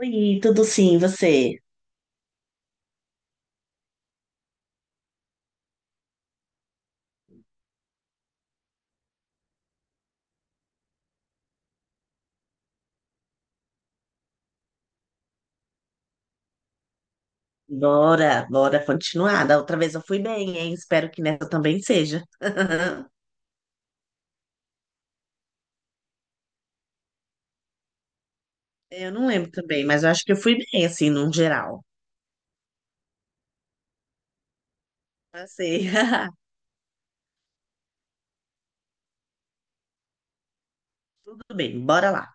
Oi, tudo sim, você? Bora, bora continuar. Da outra vez eu fui bem, hein? Espero que nessa também seja. Eu não lembro também, mas eu acho que eu fui bem, assim, num geral. Eu sei. Tudo bem, bora lá.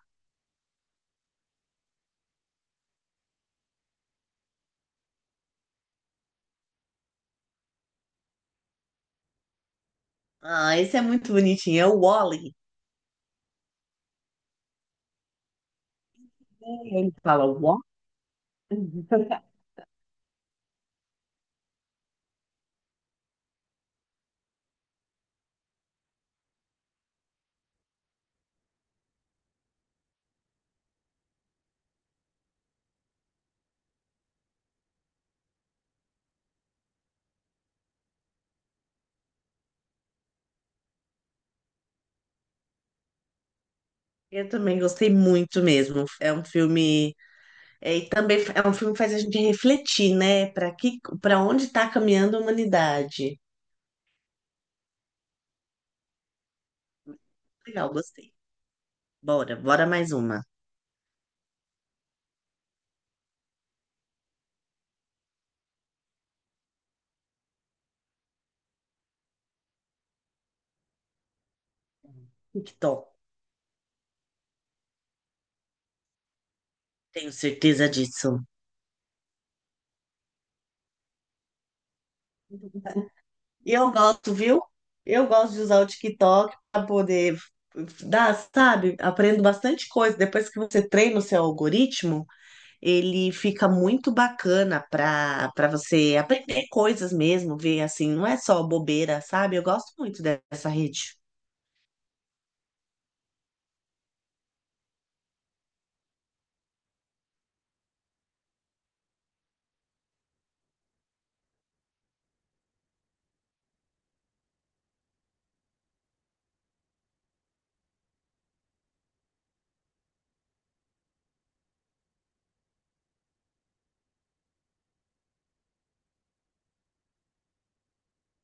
Ah, esse é muito bonitinho, é o Wall-E. É, ele fala Wall. Eu também gostei muito mesmo. É um filme, e também é um filme que faz a gente refletir, né? Para que, para onde está caminhando a humanidade? Legal, gostei. Bora, bora mais uma. TikTok. Tenho certeza disso. E eu gosto, viu? Eu gosto de usar o TikTok para poder dar, sabe? Aprendo bastante coisa. Depois que você treina o seu algoritmo, ele fica muito bacana para você aprender coisas mesmo, ver assim, não é só bobeira, sabe? Eu gosto muito dessa rede.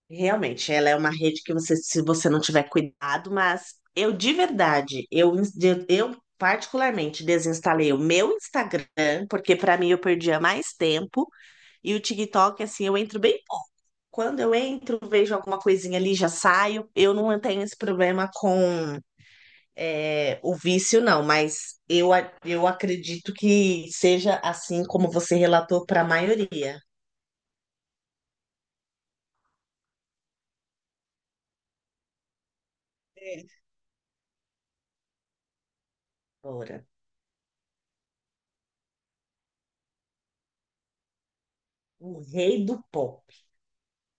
Realmente, ela é uma rede que você, se você não tiver cuidado, mas eu de verdade, eu particularmente desinstalei o meu Instagram, porque para mim eu perdia mais tempo, e o TikTok, assim, eu entro bem pouco. Quando eu entro, vejo alguma coisinha ali, já saio. Eu não tenho esse problema com o vício, não, mas eu, eu acredito que seja assim como você relatou para a maioria. É. Ora, o rei do pó.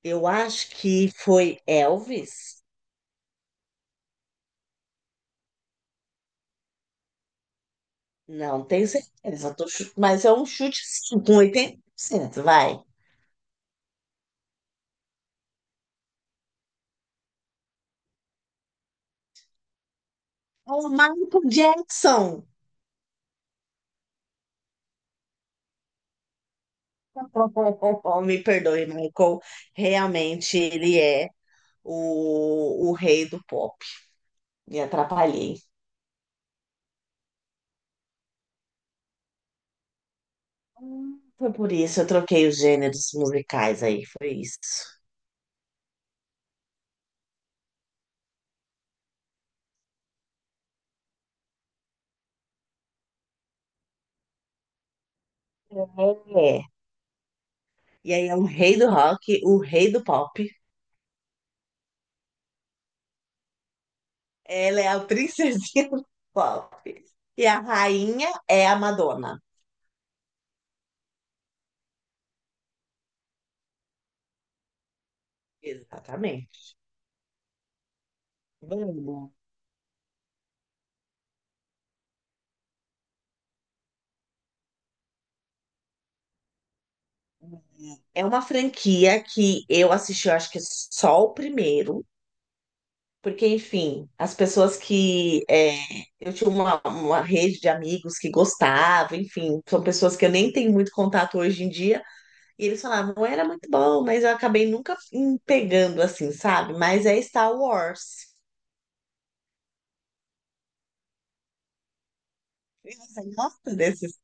Eu acho que foi Elvis. Não tenho certeza, mas é um chute sim, com 80%, vai. O Michael Jackson. Me perdoe, Michael. Realmente ele é o rei do pop. Me atrapalhei. Foi por isso eu troquei os gêneros musicais aí, foi isso. É. E aí é o rei do rock, o rei do pop. Ela é a princesinha do pop. E a rainha é a Madonna. Exatamente. Mano, é uma franquia que eu assisti, eu acho que só o primeiro, porque, enfim, as pessoas que. Eu tinha uma rede de amigos que gostavam, enfim, são pessoas que eu nem tenho muito contato hoje em dia, e eles falavam, era muito bom, mas eu acabei nunca pegando assim, sabe? Mas é Star Wars. E você gosta desses?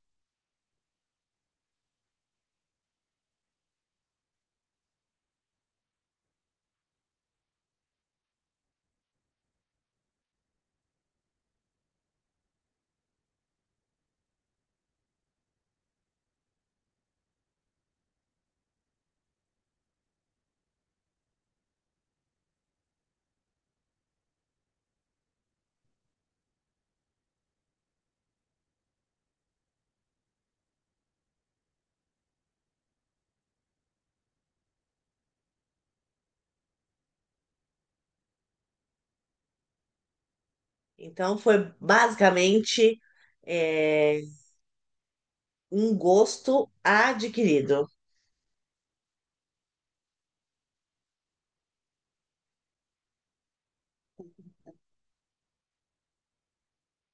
Então, foi basicamente é, um gosto adquirido.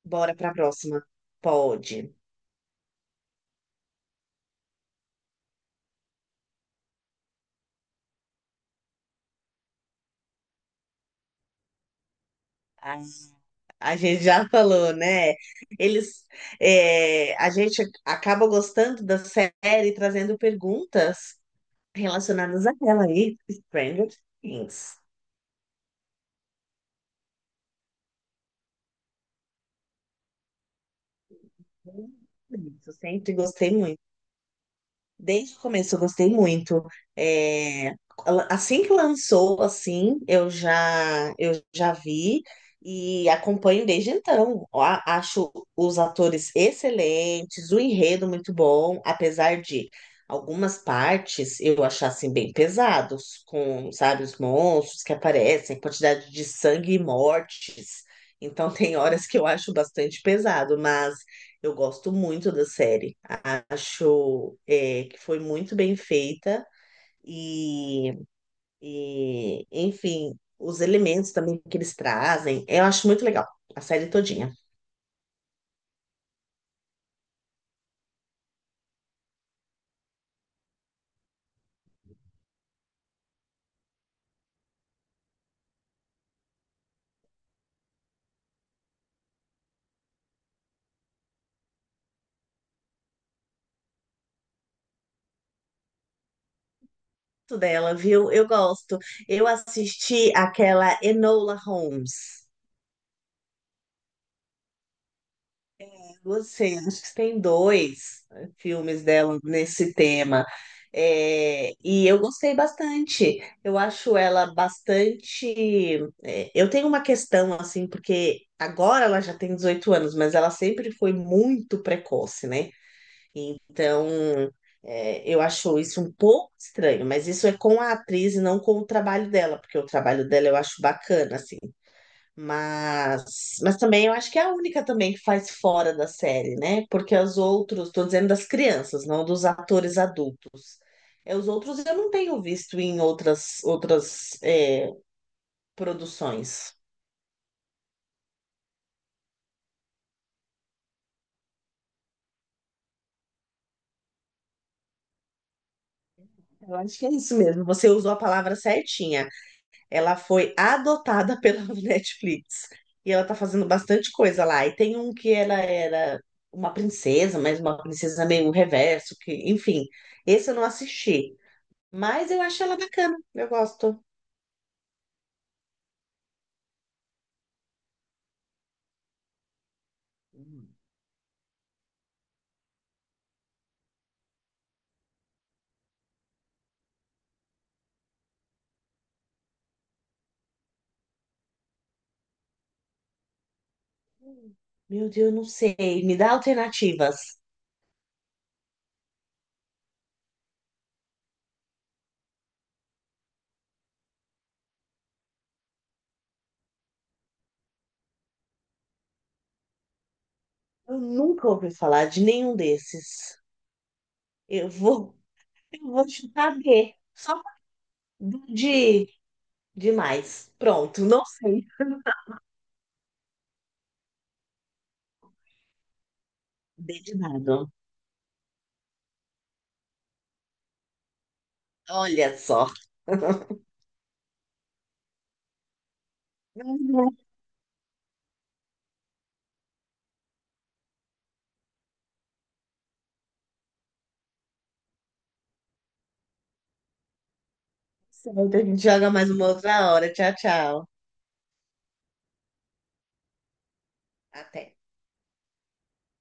Bora para a próxima. Pode. A, a gente já falou, né? Eles, a gente acaba gostando da série, trazendo perguntas relacionadas a ela aí, Stranger Things. Isso, sempre gostei muito. Desde o começo eu gostei muito. É, assim que lançou, assim, eu já vi e acompanho desde então. Ó, acho os atores excelentes, o enredo muito bom, apesar de algumas partes eu achar assim bem pesados, com, sabe, os monstros que aparecem, quantidade de sangue e mortes. Então tem horas que eu acho bastante pesado, mas eu gosto muito da série. Acho que foi muito bem feita e, e, enfim, os elementos também que eles trazem, eu acho muito legal a série todinha. Gosto dela, viu? Eu gosto. Eu assisti aquela Enola Holmes. Você, acho que tem dois, né, filmes dela nesse tema. É, e eu gostei bastante. Eu acho ela bastante. Eu tenho uma questão, assim, porque agora ela já tem 18 anos, mas ela sempre foi muito precoce, né? Então, eu acho isso um pouco estranho, mas isso é com a atriz e não com o trabalho dela, porque o trabalho dela eu acho bacana, assim. Mas também eu acho que é a única também que faz fora da série, né? Porque os outros, tô dizendo das crianças, não dos atores adultos. É, os outros eu não tenho visto em outras, produções. Eu acho que é isso mesmo. Você usou a palavra certinha. Ela foi adotada pela Netflix. E ela tá fazendo bastante coisa lá. E tem um que ela era uma princesa, mas uma princesa meio reverso, que, enfim, esse eu não assisti. Mas eu acho ela bacana, eu gosto. Meu Deus, eu não sei. Me dá alternativas. Eu nunca ouvi falar de nenhum desses. Eu vou, eu vou chutar B. Só de demais. Pronto, não sei. D de nada. Olha só. Certo, a gente joga mais uma outra hora. Tchau, tchau. Até.